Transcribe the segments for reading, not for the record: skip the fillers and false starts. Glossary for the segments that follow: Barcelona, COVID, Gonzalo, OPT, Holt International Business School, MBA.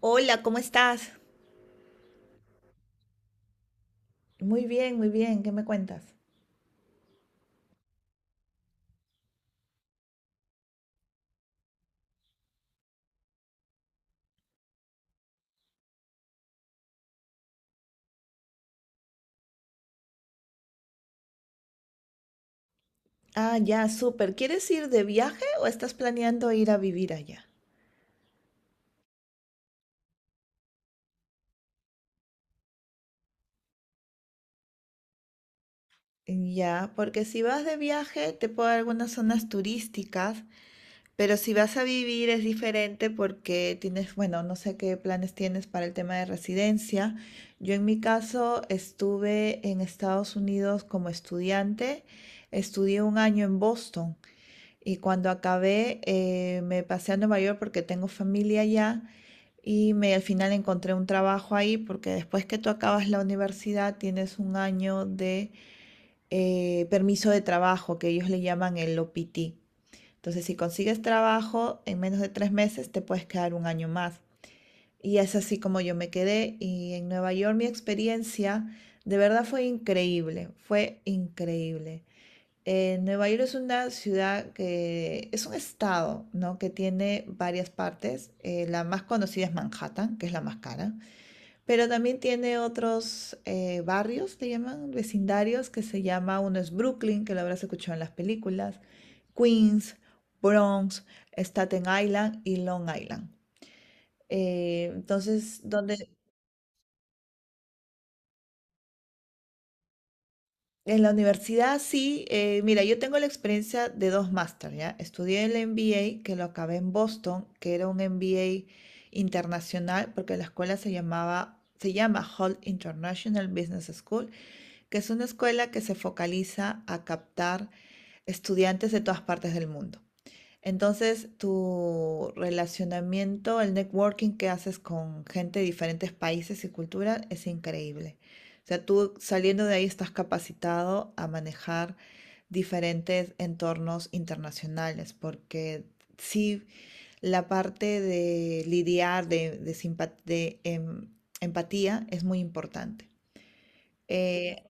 Hola, ¿cómo estás? Muy bien, ¿qué me cuentas? Ah, ya, súper. ¿Quieres ir de viaje o estás planeando ir a vivir allá? Ya, porque si vas de viaje te puedo dar algunas zonas turísticas, pero si vas a vivir es diferente porque tienes, bueno, no sé qué planes tienes para el tema de residencia. Yo en mi caso estuve en Estados Unidos como estudiante, estudié un año en Boston. Y cuando acabé, me pasé a Nueva York porque tengo familia allá y me, al final encontré un trabajo ahí porque después que tú acabas la universidad tienes un año de permiso de trabajo que ellos le llaman el OPT. Entonces, si consigues trabajo en menos de tres meses, te puedes quedar un año más. Y es así como yo me quedé y en Nueva York mi experiencia de verdad fue increíble, fue increíble. Nueva York es una ciudad que es un estado, ¿no? Que tiene varias partes. La más conocida es Manhattan, que es la más cara, pero también tiene otros barrios, le llaman vecindarios, que se llama, uno es Brooklyn, que lo habrás escuchado en las películas, Queens, Bronx, Staten Island y Long Island. Entonces, donde En la universidad sí, mira, yo tengo la experiencia de dos máster, ¿ya? Estudié el MBA, que lo acabé en Boston, que era un MBA internacional, porque la escuela se llamaba, se llama Holt International Business School, que es una escuela que se focaliza a captar estudiantes de todas partes del mundo. Entonces, tu relacionamiento, el networking que haces con gente de diferentes países y culturas es increíble. O sea, tú saliendo de ahí estás capacitado a manejar diferentes entornos internacionales, porque sí, la parte de lidiar, de empatía es muy importante. Eh,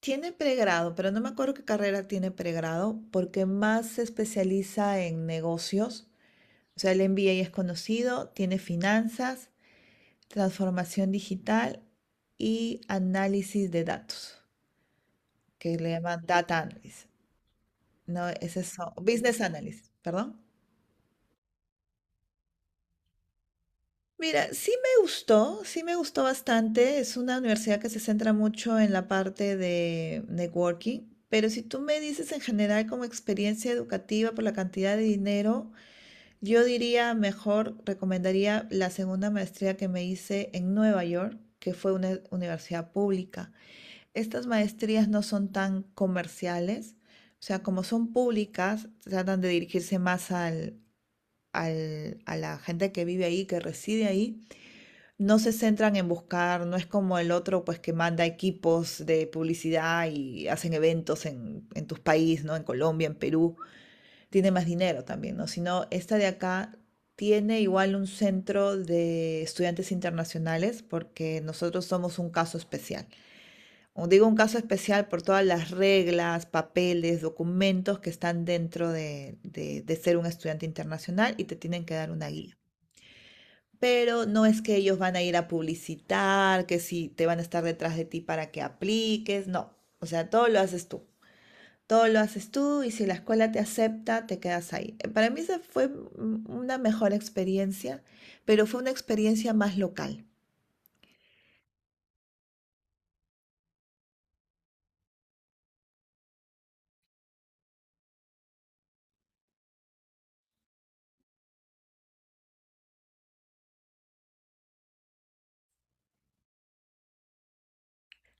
tiene pregrado, pero no me acuerdo qué carrera tiene pregrado, porque más se especializa en negocios. O sea, el MBA es conocido, tiene finanzas, transformación digital y análisis de datos, que le llaman data analysis. No, es eso, business analysis, perdón. Mira, sí me gustó bastante. Es una universidad que se centra mucho en la parte de networking, pero si tú me dices en general como experiencia educativa por la cantidad de dinero, yo diría mejor, recomendaría la segunda maestría que me hice en Nueva York, que fue una universidad pública. Estas maestrías no son tan comerciales, o sea, como son públicas, tratan de dirigirse más al, a la gente que vive ahí, que reside ahí. No se centran en buscar, no es como el otro, pues que manda equipos de publicidad y hacen eventos en tus países, ¿no? En Colombia, en Perú tiene más dinero también, ¿no? Sino esta de acá tiene igual un centro de estudiantes internacionales porque nosotros somos un caso especial. O digo un caso especial por todas las reglas, papeles, documentos que están dentro de ser un estudiante internacional y te tienen que dar una guía. Pero no es que ellos van a ir a publicitar, que si te van a estar detrás de ti para que apliques, no. O sea, todo lo haces tú. Todo lo haces tú y si la escuela te acepta, te quedas ahí. Para mí esa fue una mejor experiencia, pero fue una experiencia más local.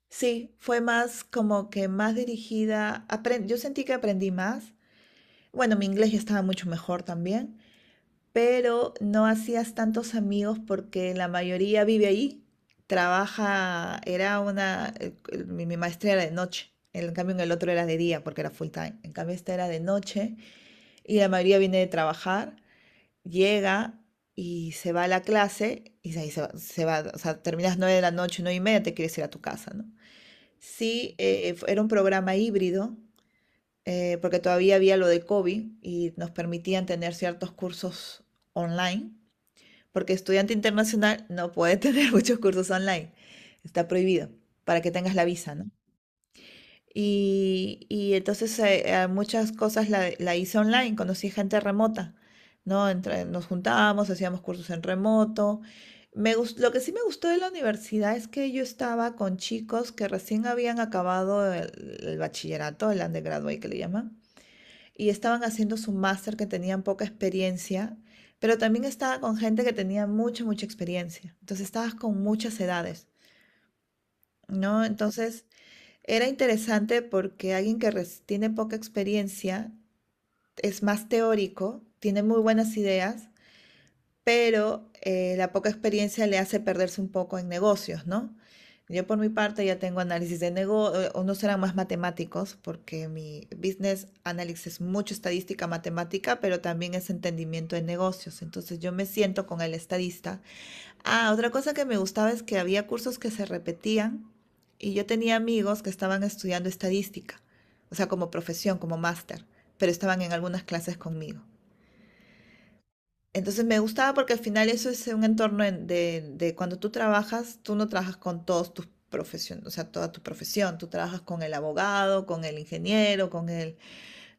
Sí, fue más como que más dirigida. Yo sentí que aprendí más. Bueno, mi inglés ya estaba mucho mejor también, pero no hacías tantos amigos porque la mayoría vive ahí, trabaja, era una, mi maestría era de noche. En cambio, en el otro era de día porque era full time. En cambio, esta era de noche y la mayoría viene de trabajar. Llega y se va a la clase y ahí se va, o sea, terminas 9 de la noche, 9 y media, te quieres ir a tu casa, ¿no? Sí, era un programa híbrido, porque todavía había lo de COVID y nos permitían tener ciertos cursos online, porque estudiante internacional no puede tener muchos cursos online, está prohibido para que tengas la visa, ¿no? Y entonces a muchas cosas la hice online, conocí gente remota, ¿no? Nos juntábamos, hacíamos cursos en remoto. Lo que sí me gustó de la universidad es que yo estaba con chicos que recién habían acabado el bachillerato, el undergraduate que le llaman, y estaban haciendo su máster que tenían poca experiencia, pero también estaba con gente que tenía mucha, mucha experiencia. Entonces estabas con muchas edades, ¿no? Entonces... Era interesante porque alguien que tiene poca experiencia es más teórico, tiene muy buenas ideas, pero la poca experiencia le hace perderse un poco en negocios, ¿no? Yo por mi parte ya tengo análisis de negocios, unos eran más matemáticos porque mi business analysis es mucho estadística matemática, pero también es entendimiento de negocios. Entonces yo me siento con el estadista. Ah, otra cosa que me gustaba es que había cursos que se repetían y yo tenía amigos que estaban estudiando estadística, o sea, como profesión, como máster, pero estaban en algunas clases conmigo. Entonces me gustaba porque al final eso es un entorno de cuando tú trabajas, tú no trabajas con todos tus profesiones, o sea, toda tu profesión, tú trabajas con el abogado, con el ingeniero,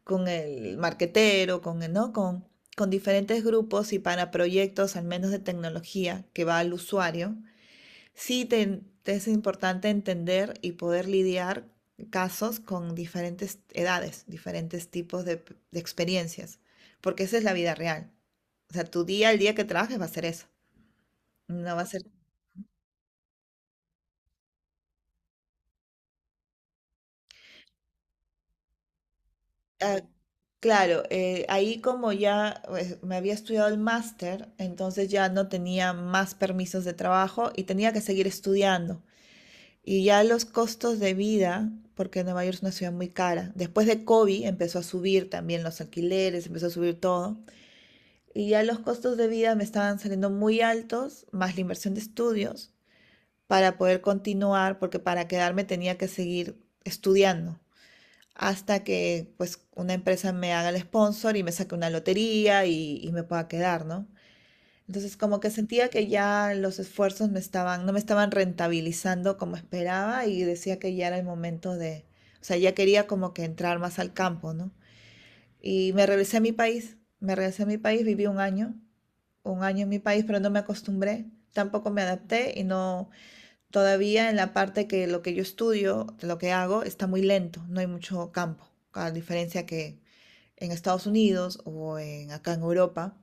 con el marquetero, con el, ¿no? Con diferentes grupos y para proyectos, al menos de tecnología, que va al usuario. Sí, te es importante entender y poder lidiar casos con diferentes edades, diferentes tipos de, de experiencias, porque esa es la vida real. O sea, tu día, el día que trabajes va a ser eso. No va a ser... Ah, claro, ahí como ya pues, me había estudiado el máster, entonces ya no tenía más permisos de trabajo y tenía que seguir estudiando. Y ya los costos de vida, porque Nueva York es una ciudad muy cara, después de COVID empezó a subir también los alquileres, empezó a subir todo. Y ya los costos de vida me estaban saliendo muy altos, más la inversión de estudios, para poder continuar, porque para quedarme tenía que seguir estudiando hasta que pues una empresa me haga el sponsor y me saque una lotería y me pueda quedar, ¿no? Entonces, como que sentía que ya los esfuerzos me estaban, no me estaban rentabilizando como esperaba y decía que ya era el momento de, o sea, ya quería como que entrar más al campo, ¿no? Y me regresé a mi país, me regresé a mi país, viví un año en mi país, pero no me acostumbré, tampoco me adapté y no, todavía en la parte que lo que yo estudio, lo que hago, está muy lento, no hay mucho campo, a diferencia que en Estados Unidos o en, acá en Europa.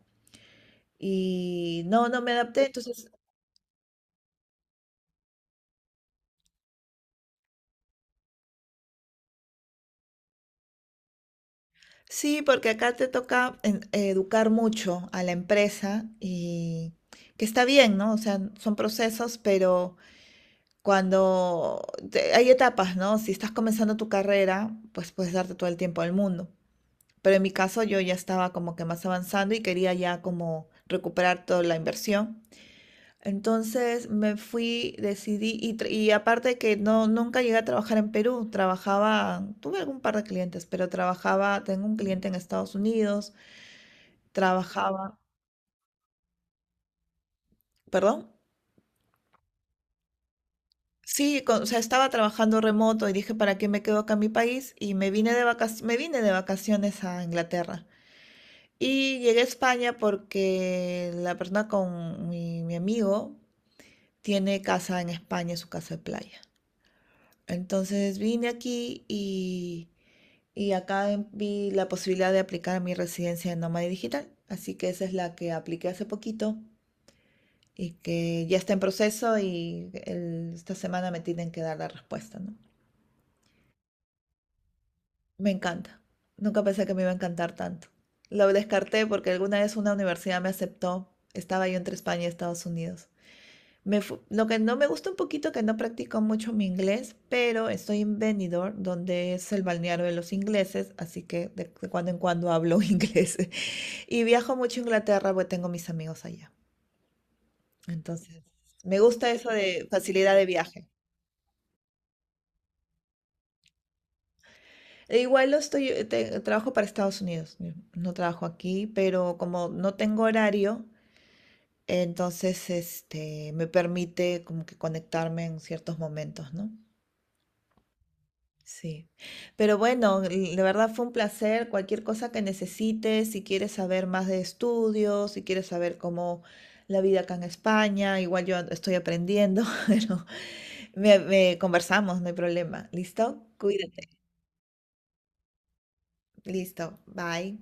Y no, no me adapté, entonces sí, porque acá te toca educar mucho a la empresa y que está bien, ¿no? O sea, son procesos, pero cuando hay etapas, ¿no? Si estás comenzando tu carrera, pues puedes darte todo el tiempo al mundo. Pero en mi caso yo ya estaba como que más avanzando y quería ya como recuperar toda la inversión. Entonces me fui, decidí, y aparte que no, nunca llegué a trabajar en Perú, trabajaba, tuve algún par de clientes, pero trabajaba, tengo un cliente en Estados Unidos, trabajaba, ¿perdón? Sí, o sea, estaba trabajando remoto y dije, ¿para qué me quedo acá en mi país? Y me vine de vacaciones, me vine de vacaciones a Inglaterra. Y llegué a España porque la persona con mi amigo tiene casa en España, su casa de playa. Entonces vine aquí y vi la posibilidad de aplicar a mi residencia de nómada digital. Así que esa es la que apliqué hace poquito, y que ya está en proceso y esta semana me tienen que dar la respuesta, ¿no? Me encanta. Nunca pensé que me iba a encantar tanto. Lo descarté porque alguna vez una universidad me aceptó. Estaba yo entre España y Estados Unidos. Lo que no me gusta un poquito que no practico mucho mi inglés, pero estoy en Benidorm, donde es el balneario de los ingleses, así que de cuando en cuando hablo inglés. Y viajo mucho a Inglaterra porque tengo mis amigos allá. Entonces, me gusta eso de facilidad de viaje. E igual lo estoy, trabajo para Estados Unidos, no trabajo aquí, pero como no tengo horario, entonces este me permite como que conectarme en ciertos momentos, ¿no? Sí. Pero bueno, la verdad fue un placer. Cualquier cosa que necesites, si quieres saber más de estudios, si quieres saber cómo la vida acá en España, igual yo estoy aprendiendo, pero me conversamos, no hay problema. ¿Listo? Cuídate. Listo. Bye.